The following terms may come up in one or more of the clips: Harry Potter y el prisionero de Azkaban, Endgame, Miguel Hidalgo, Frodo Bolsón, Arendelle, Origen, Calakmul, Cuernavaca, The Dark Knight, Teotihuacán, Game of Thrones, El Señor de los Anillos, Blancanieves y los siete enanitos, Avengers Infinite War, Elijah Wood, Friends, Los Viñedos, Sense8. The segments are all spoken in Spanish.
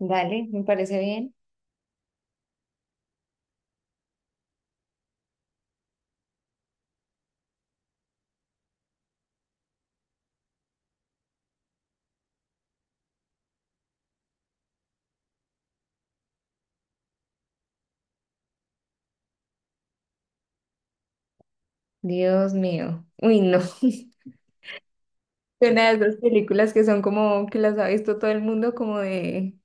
Dale, me parece bien. Dios mío. Uy, no. Una de esas películas que son como que las ha visto todo el mundo, como de.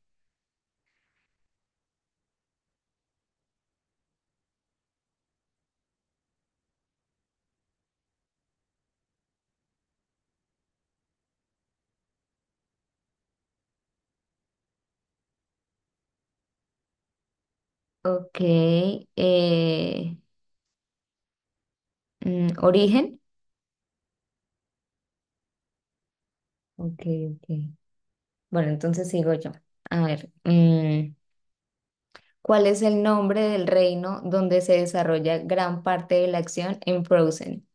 Ok. eh, Origen. Ok, ok. Bueno, entonces sigo yo. A ver. ¿Cuál es el nombre del reino donde se desarrolla gran parte de la acción en Frozen?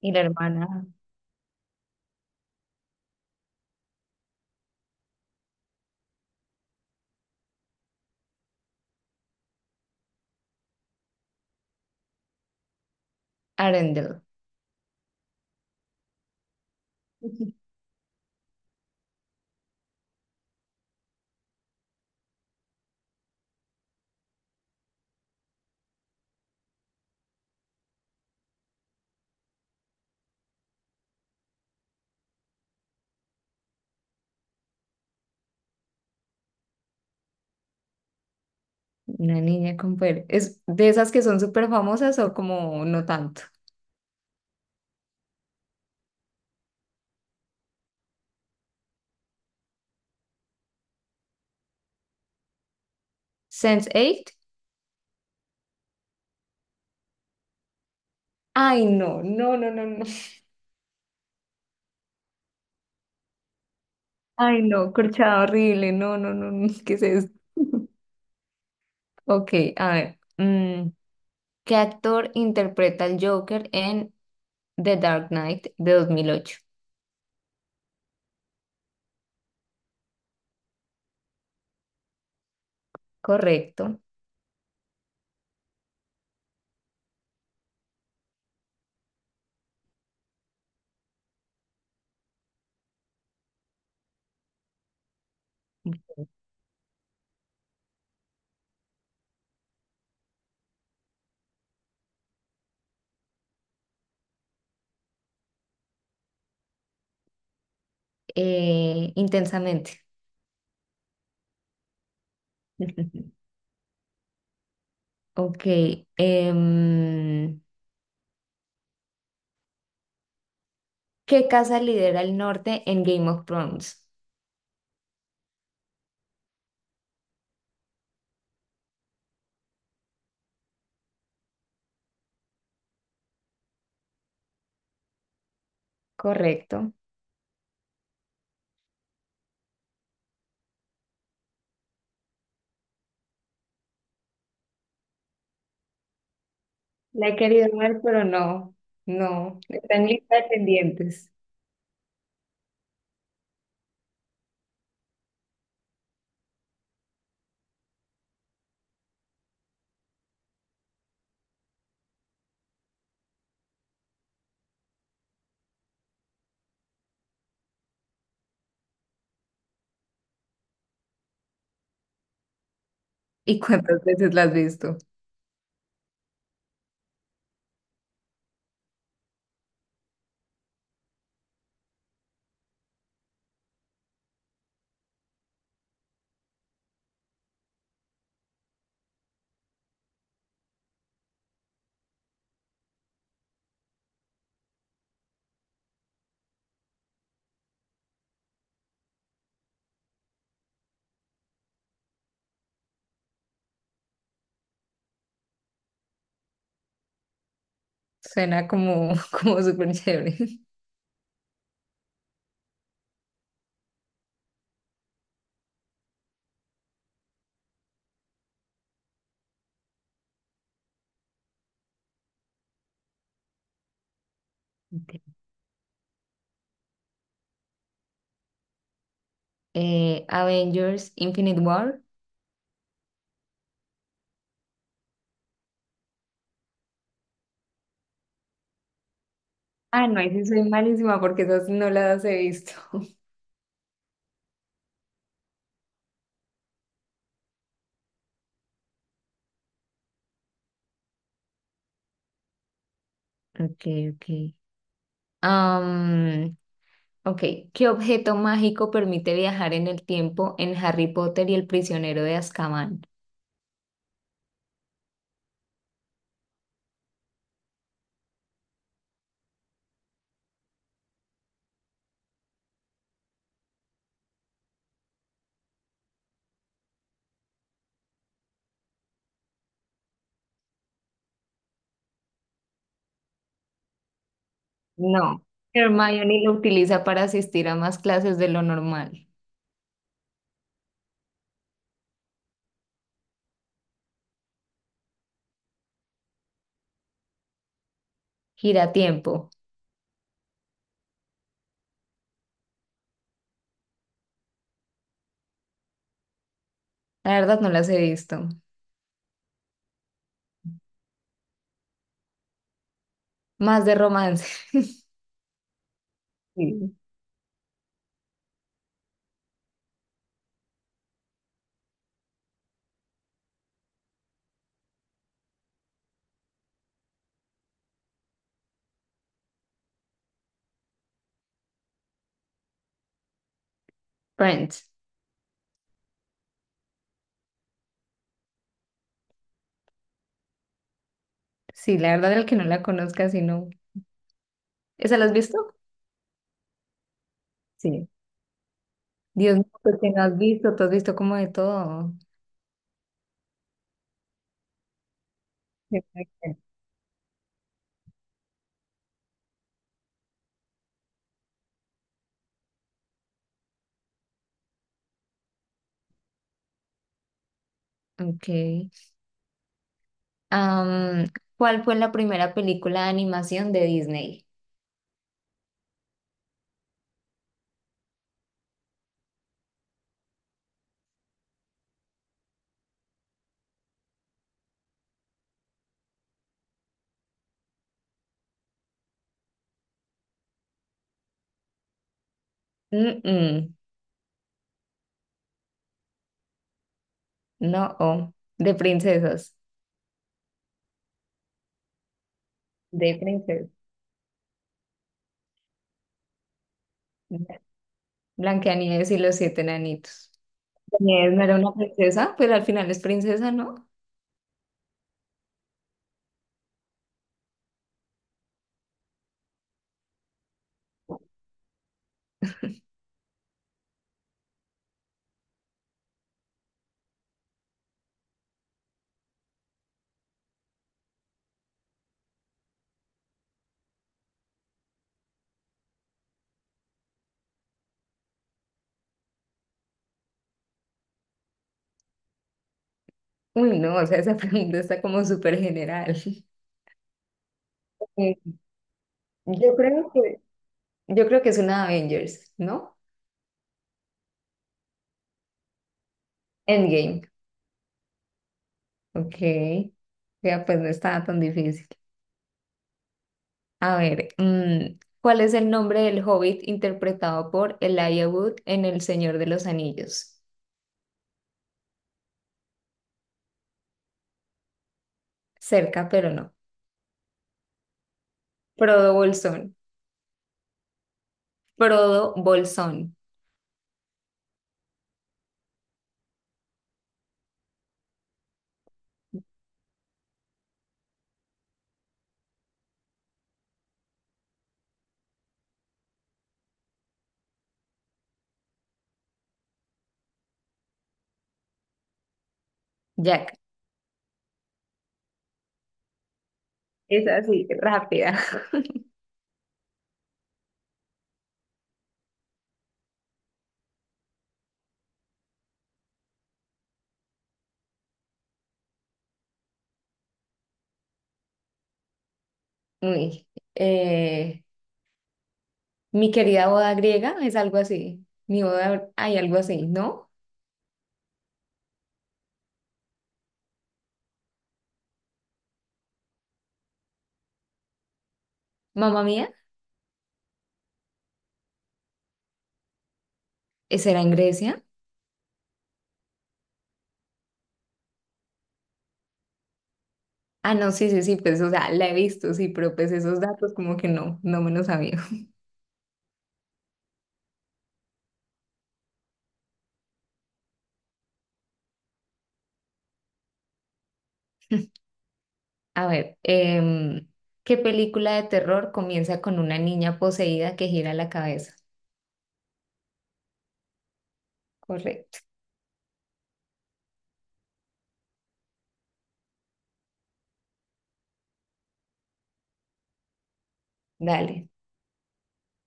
Y la hermana Arendelle. Una niña con poder. ¿Es de esas que son súper famosas o como no tanto? Sense eight Ay, no, no, no, no, no. Ay, no, corchada horrible. No, no, no, no. ¿Qué es esto? Ok, a ver. ¿Qué actor interpreta al Joker en The Dark Knight de 2008? Correcto. Ok. Intensamente. Ok. em, ¿Qué casa lidera el norte en Game of Thrones? Correcto. La he querido ver, pero no, no. Está en lista de pendientes. ¿Y cuántas veces la has visto? Suena como, como súper chévere. Avengers Infinite War. Ah, no, ahí sí soy malísima porque esas no las he visto. Ok, ok. Am, ok, ¿qué objeto mágico permite viajar en el tiempo en Harry Potter y el prisionero de Azkaban? No, Hermione lo utiliza para asistir a más clases de lo normal. Gira tiempo. La verdad no las he visto. Más de romance. Sí. Friends. Sí, la verdad el que no la conozca, sino ¿esa la has visto? Sí. Dios mío, pues que no has visto, tú has visto como de todo. Exacto. Ok. Am, ¿Cuál fue la primera película de animación de Disney? Mm-mm, no, oh, de princesas. De princesas. Blancanieves y los siete enanitos. Blancanieves no era una princesa, pero al final es princesa, ¿no? Uy, no, o sea, esa pregunta está como súper general. Eh, yo creo que, yo creo que es una Avengers, ¿no? Endgame. Ok, ya pues no estaba tan difícil. A ver, ¿cuál es el nombre del hobbit interpretado por Elijah Wood en El Señor de los Anillos? Cerca, pero no. Frodo Bolsón. Frodo Bolsón. Jack. Es así, rápida. Uy, eh, mi querida boda griega es algo así. Mi boda, hay algo así, ¿no? Mamá mía, ¿esa era en Grecia? Ah, no, sí, sí, sí, pues, o sea, la he visto, sí, pero pues esos datos como que no, no me los sabía. A ver, em, ¿qué película de terror comienza con una niña poseída que gira la cabeza? Correcto, dale.